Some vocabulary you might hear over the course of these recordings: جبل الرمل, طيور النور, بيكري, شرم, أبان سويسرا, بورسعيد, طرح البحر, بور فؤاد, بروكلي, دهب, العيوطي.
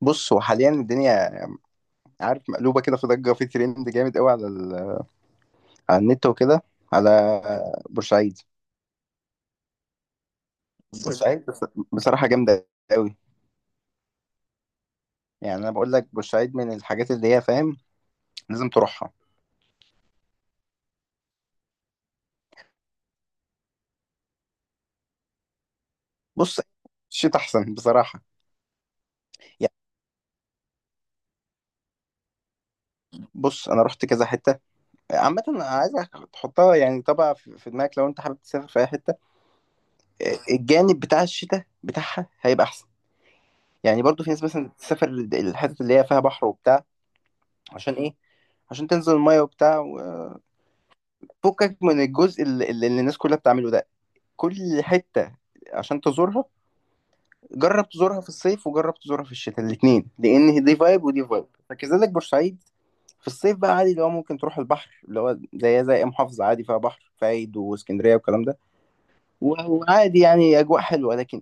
بص، هو حاليا الدنيا عارف مقلوبه كده، في ضجه، في ترند جامد قوي على ال... على النت وكده على بورسعيد. بورسعيد بص... بصراحه جامده قوي. يعني انا بقول لك بورسعيد من الحاجات اللي هي فاهم لازم تروحها. بص، الشتاء احسن بصراحه. يعني بص، انا رحت كذا حته. عامه انا عايزك تحطها يعني طبعا في دماغك، لو انت حابب تسافر في اي حته الجانب بتاع الشتاء بتاعها هيبقى احسن. يعني برضو في ناس مثلا تسافر الحتت اللي هي فيها بحر وبتاع. عشان ايه؟ عشان تنزل الميه وبتاع، فكك من الجزء اللي الناس كلها بتعمله ده. كل حتة عشان تزورها، جرب تزورها في الصيف وجرب تزورها في الشتاء الاتنين، لأن دي فايب ودي فايب، فكذلك بورسعيد. في الصيف بقى عادي اللي هو ممكن تروح البحر اللي هو زي أي محافظة عادي فيها بحر، فايد واسكندرية والكلام ده. و- وعادي يعني أجواء حلوة، لكن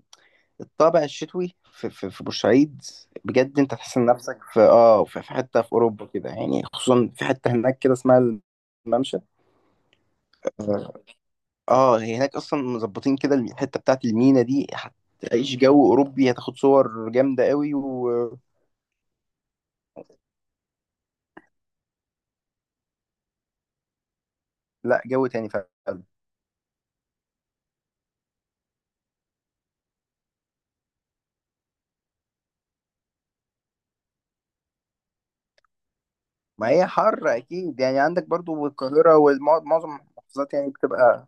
الطابع الشتوي في بورسعيد بجد انت تحس إن نفسك في في في حتة في أوروبا كده، يعني خصوصا في حتة هناك كده اسمها الممشى. آه، اه، هي هناك اصلا مظبطين كده الحته بتاعت المينا دي. هتعيش جو اوروبي، هتاخد صور جامده قوي و لا جو تاني فعلا. ما هي حر اكيد يعني، عندك برضو القاهره ومعظم المحافظات يعني بتبقى.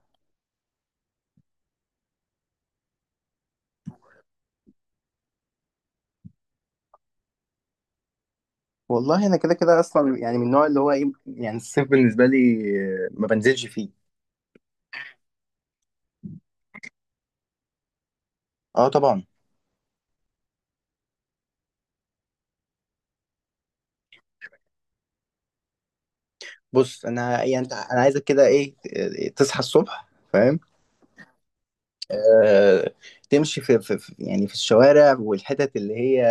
والله انا كده كده اصلا يعني من النوع اللي هو ايه، يعني الصيف بالنسبه لي ما بنزلش فيه. اه طبعا. بص انا يعني انت، انا عايزك كده ايه، تصحى الصبح فاهم. آه، تمشي في يعني في الشوارع والحتت اللي هي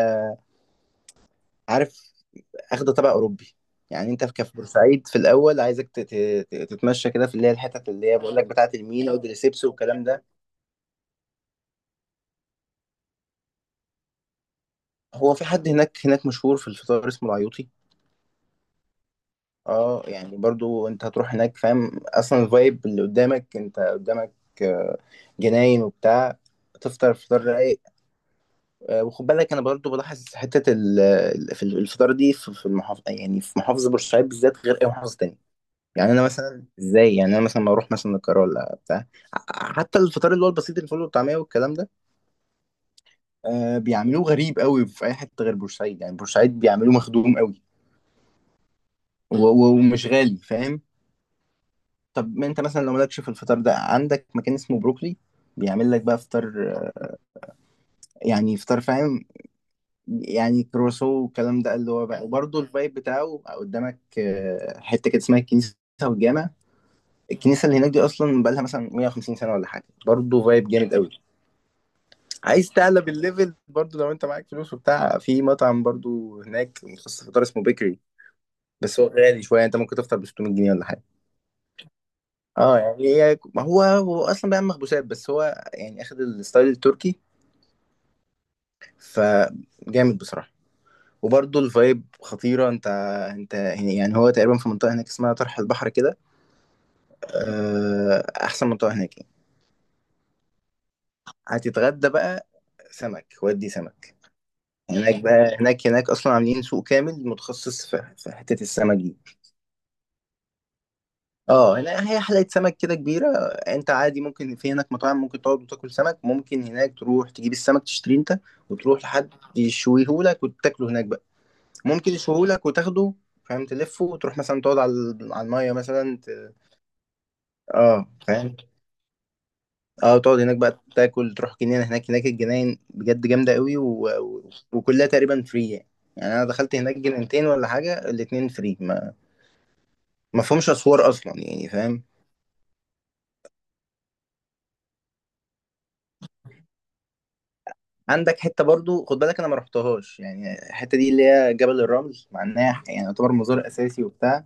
عارف اخده تبع اوروبي. يعني انت في كف بورسعيد في الاول عايزك تتمشى كده في اللي هي الحتت اللي هي بقول لك بتاعه المينا ودريسبس والكلام ده. هو في حد هناك، هناك مشهور في الفطار اسمه العيوطي. اه يعني برضو انت هتروح هناك فاهم اصلا الفايب اللي قدامك، انت قدامك آه، جناين وبتاع، تفطر فطار رايق. وخد بالك انا برضو بلاحظ حته في الفطار دي في المحافظه، يعني في محافظه بورسعيد بالذات غير اي محافظه تانية. يعني انا مثلا ازاي، يعني انا مثلا بروح مثلا القاهره ولا بتاع، حتى الفطار اللي هو البسيط، الفول والطعميه والكلام ده، آه بيعملوه غريب قوي في اي حته غير بورسعيد. يعني بورسعيد بيعملوه مخدوم قوي و- و- ومش غالي فاهم. طب ما انت مثلا لو مالكش في الفطار ده، عندك مكان اسمه بروكلي بيعمل لك بقى فطار يعني فطار فاهم، يعني كروسو والكلام ده اللي هو بقى، وبرضه الفايب بتاعه قدامك، حته كده اسمها الكنيسه والجامع. الكنيسه اللي هناك دي اصلا بقى لها مثلا 150 سنه ولا حاجه، برضه فايب جامد قوي. عايز تعلى بالليفل برضو لو انت معاك فلوس وبتاع، في مطعم برضو هناك متخصص في فطار اسمه بيكري، بس هو غالي شويه، انت ممكن تفطر ب 600 جنيه ولا حاجه. اه يعني هي ما هو، هو اصلا بيعمل مخبوزات بس هو يعني اخد الستايل التركي، فجامد بصراحه. وبرضو الفايب خطيره. انت، انت يعني هو تقريبا في منطقه هناك اسمها طرح البحر كده، احسن منطقه هناك يعني. هتتغدى بقى سمك، ودي سمك. هناك بقى، هناك اصلا عاملين سوق كامل متخصص في حته السمك دي. اه، هنا هي حلقة سمك كده كبيرة. انت عادي ممكن في هناك مطاعم ممكن تقعد وتاكل سمك، ممكن هناك تروح تجيب السمك تشتريه انت وتروح لحد يشويهولك وتاكله هناك بقى. ممكن يشويهولك وتاخده فاهم، تلفه وتروح مثلا تقعد على على المية مثلا ت... اه فاهم. اه، تقعد هناك بقى تاكل، تروح جنينة هناك، هناك الجناين بجد جامدة قوي و... و... وكلها تقريبا فري يعني. يعني انا دخلت هناك جنينتين ولا حاجة الاتنين فري، ما ما فيهمش اسوار اصلا يعني فاهم. عندك حته برضو خد بالك انا ما رحتهاش، يعني الحته دي اللي هي جبل الرمل، مع انها يعني يعتبر مزار اساسي وبتاع،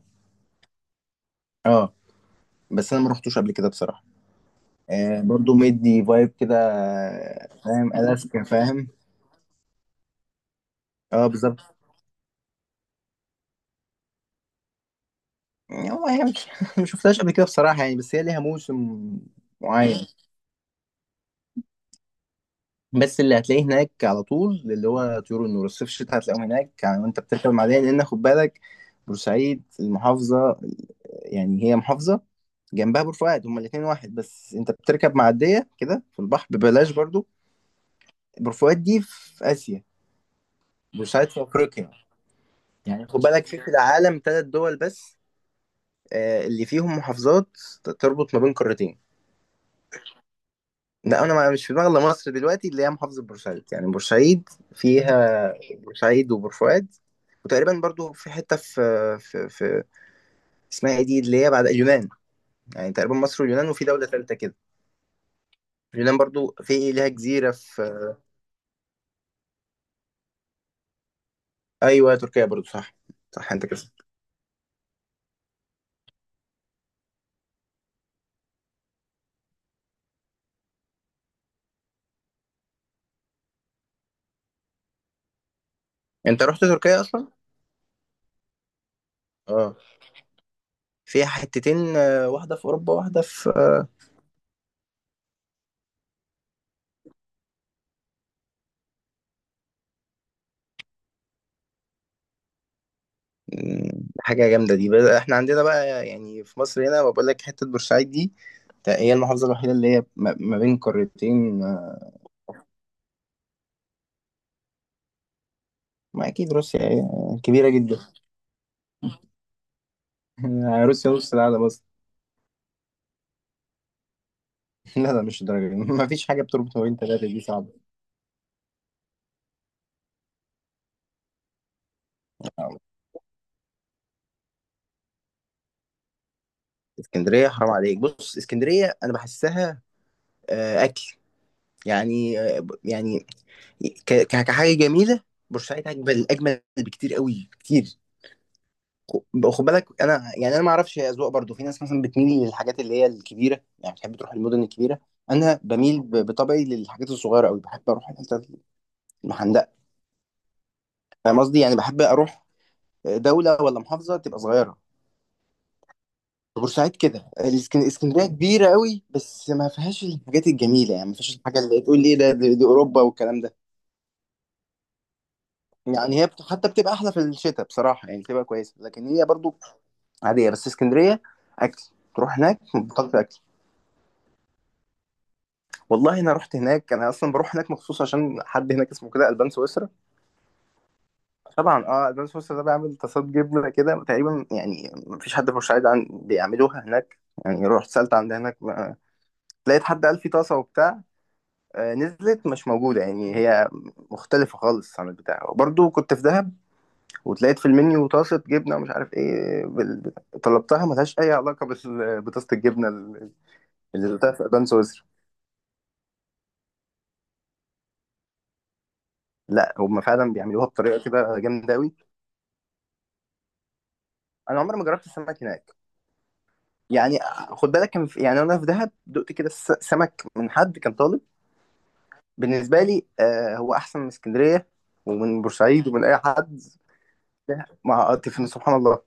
اه، بس انا ما رحتوش قبل كده بصراحه. آه، برضو مدي فايب كده فاهم الاسكا فاهم. اه بالظبط. يعني هو هي مش ما شفتهاش قبل كده بصراحه يعني، بس هي ليها موسم معين. بس اللي هتلاقيه هناك على طول اللي هو طيور النور، الصيف الشتاء هتلاقيهم هناك يعني، وانت بتركب المعديه، لان خد بالك بورسعيد المحافظه، يعني هي محافظه جنبها بور فؤاد، هما الاثنين واحد، بس انت بتركب معديه كده في البحر ببلاش برضو. بور فؤاد دي في اسيا، بورسعيد في افريقيا. يعني خد بالك في العالم ثلاث دول بس اللي فيهم محافظات تربط ما بين قارتين. لا انا مش في دماغي الا مصر دلوقتي اللي هي محافظه بورسعيد، يعني بورسعيد فيها بورسعيد وبور فؤاد، وتقريبا برضو في حته في اسمها ايه دي اللي هي بعد اليونان، يعني تقريبا مصر واليونان وفي دوله ثالثه كده. اليونان برضو في ليها جزيره في، ايوه تركيا برضو صح، صح انت كده. انت رحت تركيا اصلا؟ اه فيها حتتين واحده في اوروبا واحده في آه. م، حاجه جامده دي بقى. احنا عندنا بقى يعني في مصر هنا، بقول لك حته بورسعيد دي، هي المحافظه الوحيده اللي هي ما ما بين قارتين آه. ما اكيد روسيا آه، كبيره جدا. روسيا نص العالم اصلا. لا لا، مش الدرجه دي، ما فيش حاجه بتربط ما بين ثلاثه، دي صعبه. اسكندريه حرام عليك. بص، اسكندريه انا بحسها اكل يعني، يعني كحاجه جميله. بورسعيد اجمل اجمل بكتير قوي كتير. خد بالك انا يعني انا ما اعرفش، هي اذواق برضو، في ناس مثلا بتميل للحاجات اللي هي الكبيره يعني، بتحب تروح المدن الكبيره. انا بميل بطبعي للحاجات الصغيره قوي، بحب اروح الحتت المحندقه، فاهم قصدي؟ يعني بحب اروح دوله ولا محافظه تبقى صغيره. بورسعيد كده، اسكندريه كبيره قوي بس ما فيهاش الحاجات الجميله، يعني ما فيهاش الحاجه اللي تقول لي إيه ده، دي دي اوروبا والكلام ده. يعني هي حتى بتبقى احلى في الشتاء بصراحه، يعني بتبقى كويسه لكن هي برضو عاديه. بس اسكندريه اكل، تروح هناك بطلت اكل. والله انا رحت هناك، انا اصلا بروح هناك مخصوص عشان حد هناك اسمه كده البان سويسرا. طبعا اه، البان سويسرا ده بيعمل طاسات جبنه كده تقريبا يعني مفيش حد في بورسعيد عن بيعملوها هناك. يعني رحت سالت عند هناك لقيت حد قال في طاسه وبتاع، نزلت مش موجوده، يعني هي مختلفه خالص عن البتاع. وبرضو كنت في دهب وتلاقيت في المنيو طاسة جبنة ومش عارف ايه بال... طلبتها ملهاش أي علاقة بال... بطاسة الجبنة اللي دوقتها في أبان سويسرا. لا هم فعلا بيعملوها بطريقة كده جامدة أوي. أنا عمري ما جربت السمك هناك. يعني خد بالك كان في... يعني أنا في دهب دقت كده سمك من حد كان طالب، بالنسبة لي آه هو أحسن من اسكندرية ومن بورسعيد ومن أي حد. مع سبحان الله.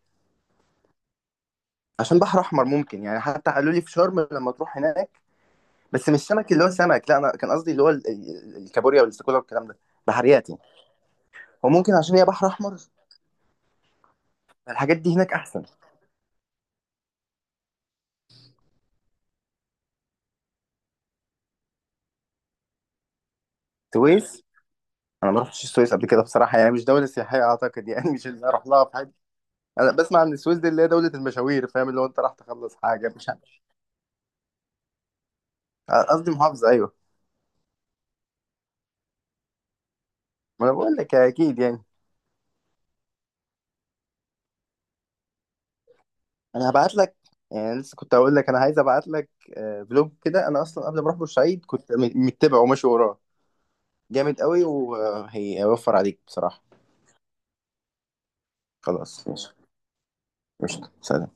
عشان بحر أحمر ممكن، يعني حتى قالوا لي في شرم لما تروح هناك. بس مش سمك اللي هو سمك، لا انا كان قصدي اللي هو الكابوريا والاستاكولا والكلام ده، بحريات يعني. وممكن عشان هي بحر احمر الحاجات دي هناك احسن. السويس، انا ما رحتش السويس قبل كده بصراحه، يعني مش دوله سياحيه اعتقد يعني مش اللي اروح لها في حاجه. انا بسمع ان السويس دي اللي هي دوله المشاوير فاهم، اللي هو انت راح تخلص حاجه مش عارف. قصدي محافظه ايوه. ما انا بقول لك اكيد يعني. انا هبعت لك، يعني لسه كنت هقول لك انا عايز ابعت لك فلوج كده، انا اصلا قبل ما اروح بورسعيد كنت متبعه وماشي وراه، جامد قوي وهيوفر عليك بصراحه. خلاص ماشي. قشطة، سلام.